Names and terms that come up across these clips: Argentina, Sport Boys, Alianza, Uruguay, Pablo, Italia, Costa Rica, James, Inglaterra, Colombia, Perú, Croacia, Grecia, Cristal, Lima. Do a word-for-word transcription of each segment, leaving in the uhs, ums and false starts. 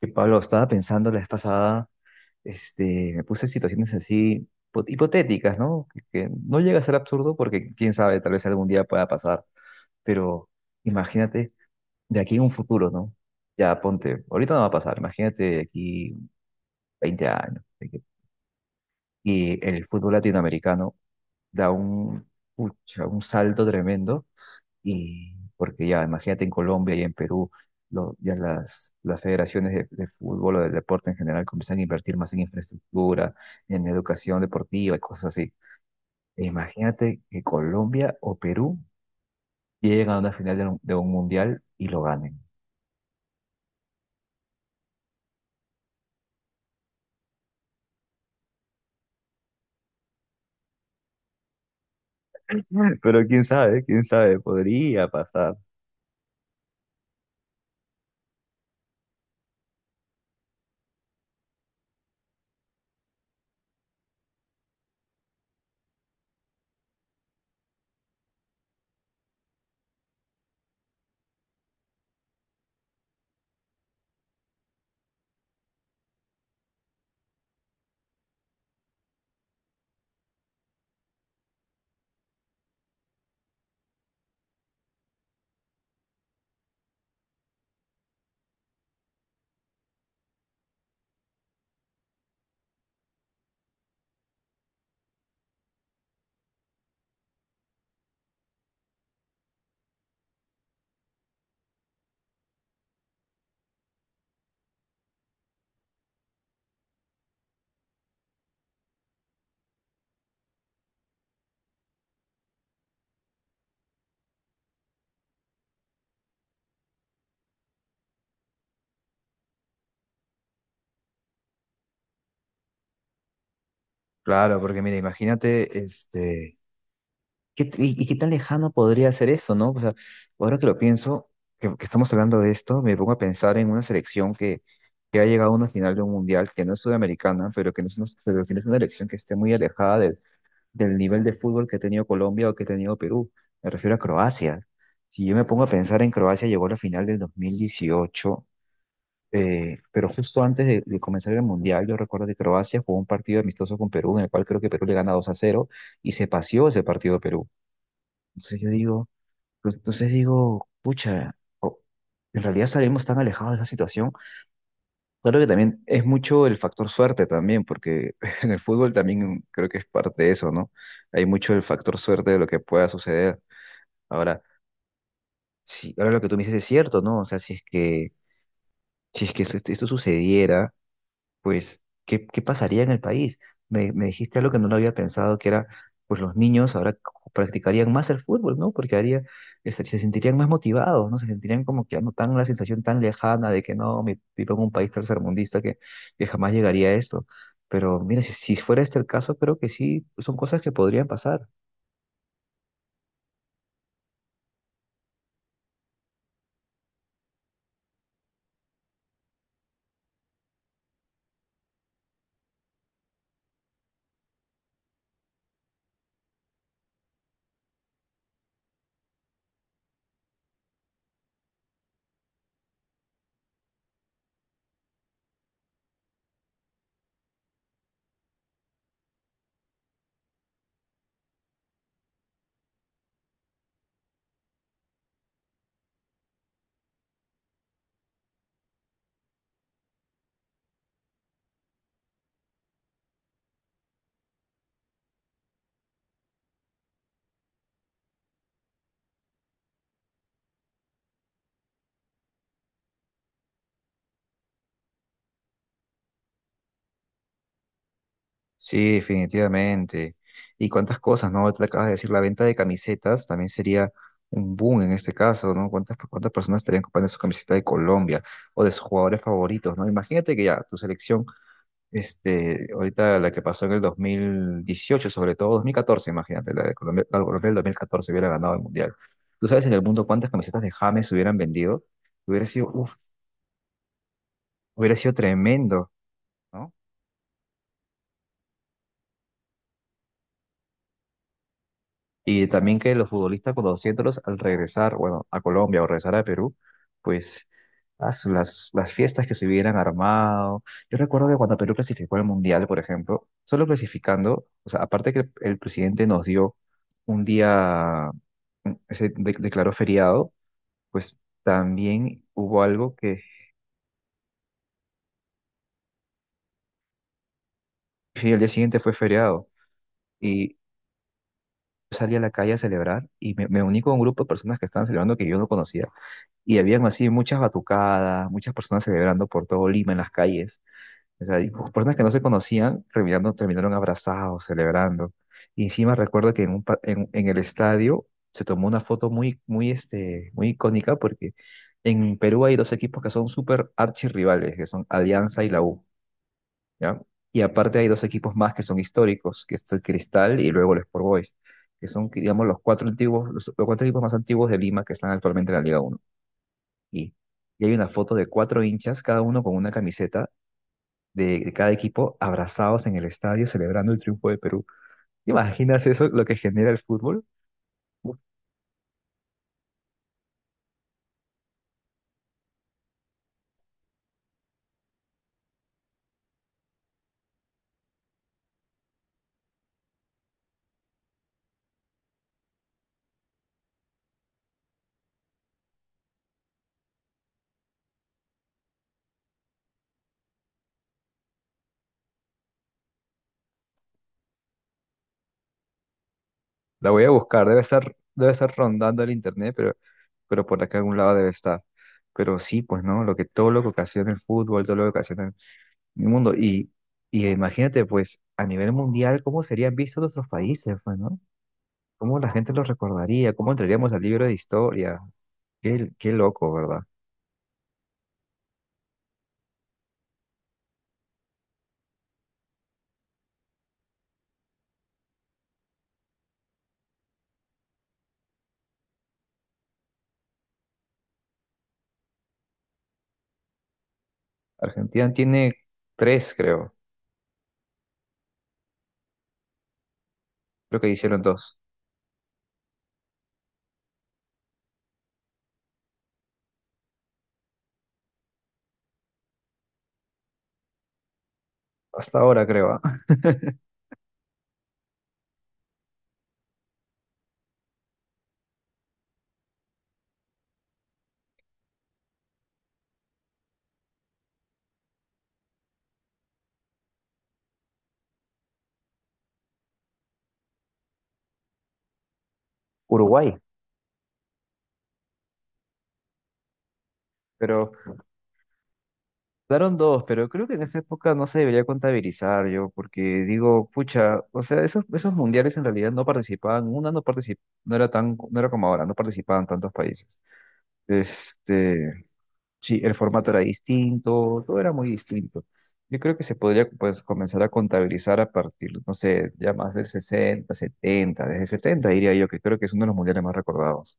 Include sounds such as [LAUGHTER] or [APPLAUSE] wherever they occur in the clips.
Que Pablo, estaba pensando la vez pasada, este, me puse situaciones así hipo- hipotéticas, ¿no? Que, que no llega a ser absurdo porque quién sabe, tal vez algún día pueda pasar. Pero imagínate de aquí en un futuro, ¿no? Ya ponte, ahorita no va a pasar, imagínate de aquí veinte años. de que- Y el fútbol latinoamericano da un, pucha, un salto tremendo y porque ya, imagínate en Colombia y en Perú, lo- ya las, las federaciones de, de fútbol o del deporte en general comienzan a invertir más en infraestructura, en educación deportiva y cosas así. E imagínate que Colombia o Perú lleguen a una final de un, de un mundial y lo ganen. [LAUGHS] Pero quién sabe, quién sabe, podría pasar. Claro, porque mira, imagínate, este. ¿Qué, t- y, y qué tan lejano podría ser eso, ¿no? O sea, ahora que lo pienso, que, que estamos hablando de esto, me pongo a pensar en una selección que, que ha llegado a una final de un mundial, que no es sudamericana, pero que no es una, pero que no es una elección que esté muy alejada del, del nivel de fútbol que ha tenido Colombia o que ha tenido Perú. Me refiero a Croacia. Si yo me pongo a pensar en Croacia, llegó a la final del dos mil dieciocho, eh, pero justo antes de, de comenzar el mundial, yo recuerdo que Croacia jugó un partido amistoso con Perú, en el cual creo que Perú le gana dos a cero y se paseó ese partido de Perú. Entonces yo digo, pues, entonces digo, pucha, o- en realidad salimos tan alejados de esa situación. Claro que también es mucho el factor suerte también, porque [LAUGHS] en el fútbol también creo que es parte de eso, ¿no? Hay mucho el factor suerte de lo que pueda suceder. Ahora, si, ahora lo que tú me dices es cierto, ¿no? O sea, si es que, si es que esto, esto sucediera, pues, ¿qué, qué pasaría en el país? Me, me dijiste algo que no lo había pensado, que era, pues los niños ahora c- practicarían más el fútbol, ¿no? Porque haría, este, se sentirían más motivados, ¿no? Se sentirían como que ya no tan la sensación tan lejana de que no, mi- vivo en un país tercermundista que, que jamás llegaría a esto. Pero mira, si, si fuera este el caso, creo que sí, son cosas que podrían pasar. Sí, definitivamente. Y cuántas cosas, ¿no? Te acabas de decir, la venta de camisetas también sería un boom en este caso, ¿no? ¿Cuántas, cuántas personas estarían comprando su camiseta de Colombia o de sus jugadores favoritos, ¿no? Imagínate que ya tu selección, este, ahorita la que pasó en el dos mil dieciocho, sobre todo dos mil catorce, imagínate, la de Colombia, la de Colombia del dos mil catorce hubiera ganado el Mundial. ¿Tú sabes en el mundo cuántas camisetas de James hubieran vendido? Hubiera sido, uf, hubiera sido tremendo. ¿No? Y también que los futbolistas conociéndolos al regresar, bueno, a Colombia o regresar a Perú, pues ah, las, las fiestas que se hubieran armado. Yo recuerdo que cuando Perú clasificó al Mundial, por ejemplo, solo clasificando, o sea, aparte que el, el presidente nos dio un día, mm, se de- declaró feriado, pues también hubo algo que sí, el día siguiente fue feriado. Y yo salí a la calle a celebrar y me, me uní con un grupo de personas que estaban celebrando que yo no conocía y habían así muchas batucadas, muchas personas celebrando por todo Lima en las calles. O sea, y personas que no se conocían terminaron, terminaron abrazados, celebrando. Y encima recuerdo que en, un, pa- en, en el estadio se tomó una foto muy, muy, este, muy icónica porque en Perú hay dos equipos que son súper archirrivales, que son Alianza y la U, ¿ya? Y aparte hay dos equipos más que son históricos, que es el Cristal y luego el Sport Boys, que son, digamos, los cuatro antiguos, los los cuatro equipos más antiguos de Lima que están actualmente en la Liga, y, y hay una foto de cuatro hinchas, cada uno con una camiseta de, de cada equipo, abrazados en el estadio celebrando el triunfo de Perú. ¿Te imaginas eso, lo que genera el fútbol? Uf, la voy a buscar, debe estar, debe estar rondando el internet, pero, pero por acá algún lado debe estar. Pero sí, pues no, lo que todo lo que ocasiona el fútbol, todo lo que ocasiona el mundo. Y, y imagínate, pues, a nivel mundial, cómo serían vistos nuestros países, pues, ¿no? ¿Cómo la gente los recordaría? ¿Cómo entraríamos al libro de historia? Qué, qué loco, ¿verdad? Argentina tiene tres, creo. Creo que hicieron dos. Hasta ahora, creo. Ah. Uruguay. Pero daron dos, pero creo que en esa época no se debería contabilizar yo, porque digo, pucha, o sea, esos, esos mundiales en realidad no participaban, una no particip- no era tan, no era como ahora, no participaban tantos países. Este, sí, el formato era distinto, todo era muy distinto. Yo creo que se podría pues comenzar a contabilizar a partir, no sé, ya más del sesenta, setenta, desde setenta diría yo, que creo que es uno de los mundiales más recordados.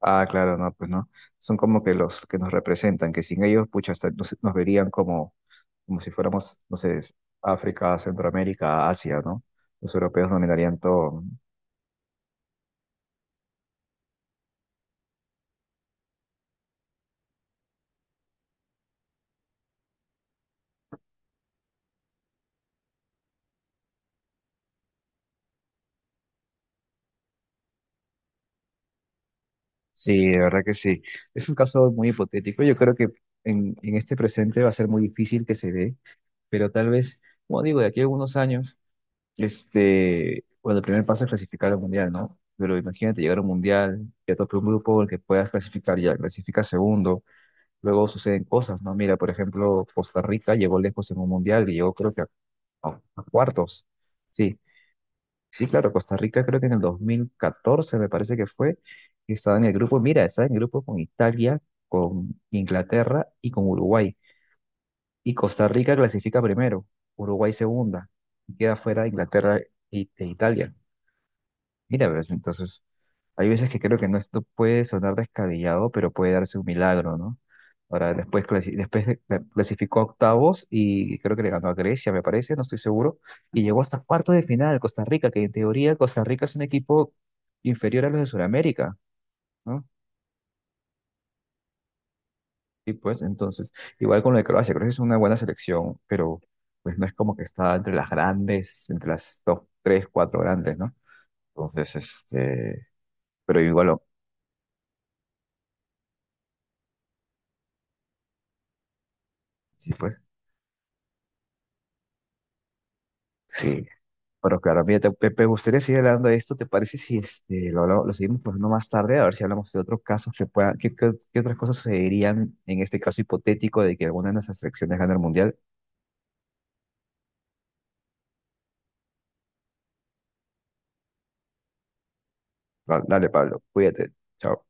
Ah, claro, no, pues no. Son como que los que nos representan, que sin ellos, pucha, hasta nos, nos verían como, como si fuéramos, no sé, África, Centroamérica, Asia, ¿no? Los europeos dominarían todo. Sí, de verdad que sí. Es un caso muy hipotético. Yo creo que en, en este presente va a ser muy difícil que se dé, pero tal vez, como digo, de aquí a algunos años, este, bueno, el primer paso es clasificar al mundial, ¿no? Pero imagínate llegar a un mundial, ya tope un grupo en el que puedas clasificar, ya clasifica segundo, luego suceden cosas, ¿no? Mira, por ejemplo, Costa Rica llegó lejos en un mundial y llegó creo que a, a- a cuartos. Sí, sí, claro, Costa Rica creo que en el dos mil catorce me parece que fue, que estaba en el grupo, mira, estaba en el grupo con Italia, con Inglaterra y con Uruguay. Y Costa Rica clasifica primero, Uruguay segunda, y queda fuera Inglaterra y, e Italia. Mira, ves, entonces, hay veces que creo que no, esto puede sonar descabellado, pero puede darse un milagro, ¿no? Ahora, después, clasi- después de- cla- clasificó a octavos y creo que le ganó a Grecia, me parece, no estoy seguro, y llegó hasta cuarto de final, Costa Rica, que en teoría Costa Rica es un equipo inferior a los de Sudamérica, ¿no? Y pues, entonces, igual con lo de Croacia, Croacia es una buena selección, pero pues no es como que está entre las grandes, entre las top tres, cuatro grandes, ¿no? Entonces, este, pero igual, sí, pues. Sí, pero claro, mira, te, me me gustaría seguir hablando de esto. ¿Te parece si este, lo, hablamos- lo seguimos poniendo más tarde? A ver si hablamos de otros casos que puedan, qué, qué- qué otras cosas sucederían en este caso hipotético de que alguna de nuestras selecciones gane el mundial. Va- Dale, Pablo, cuídate. Chao.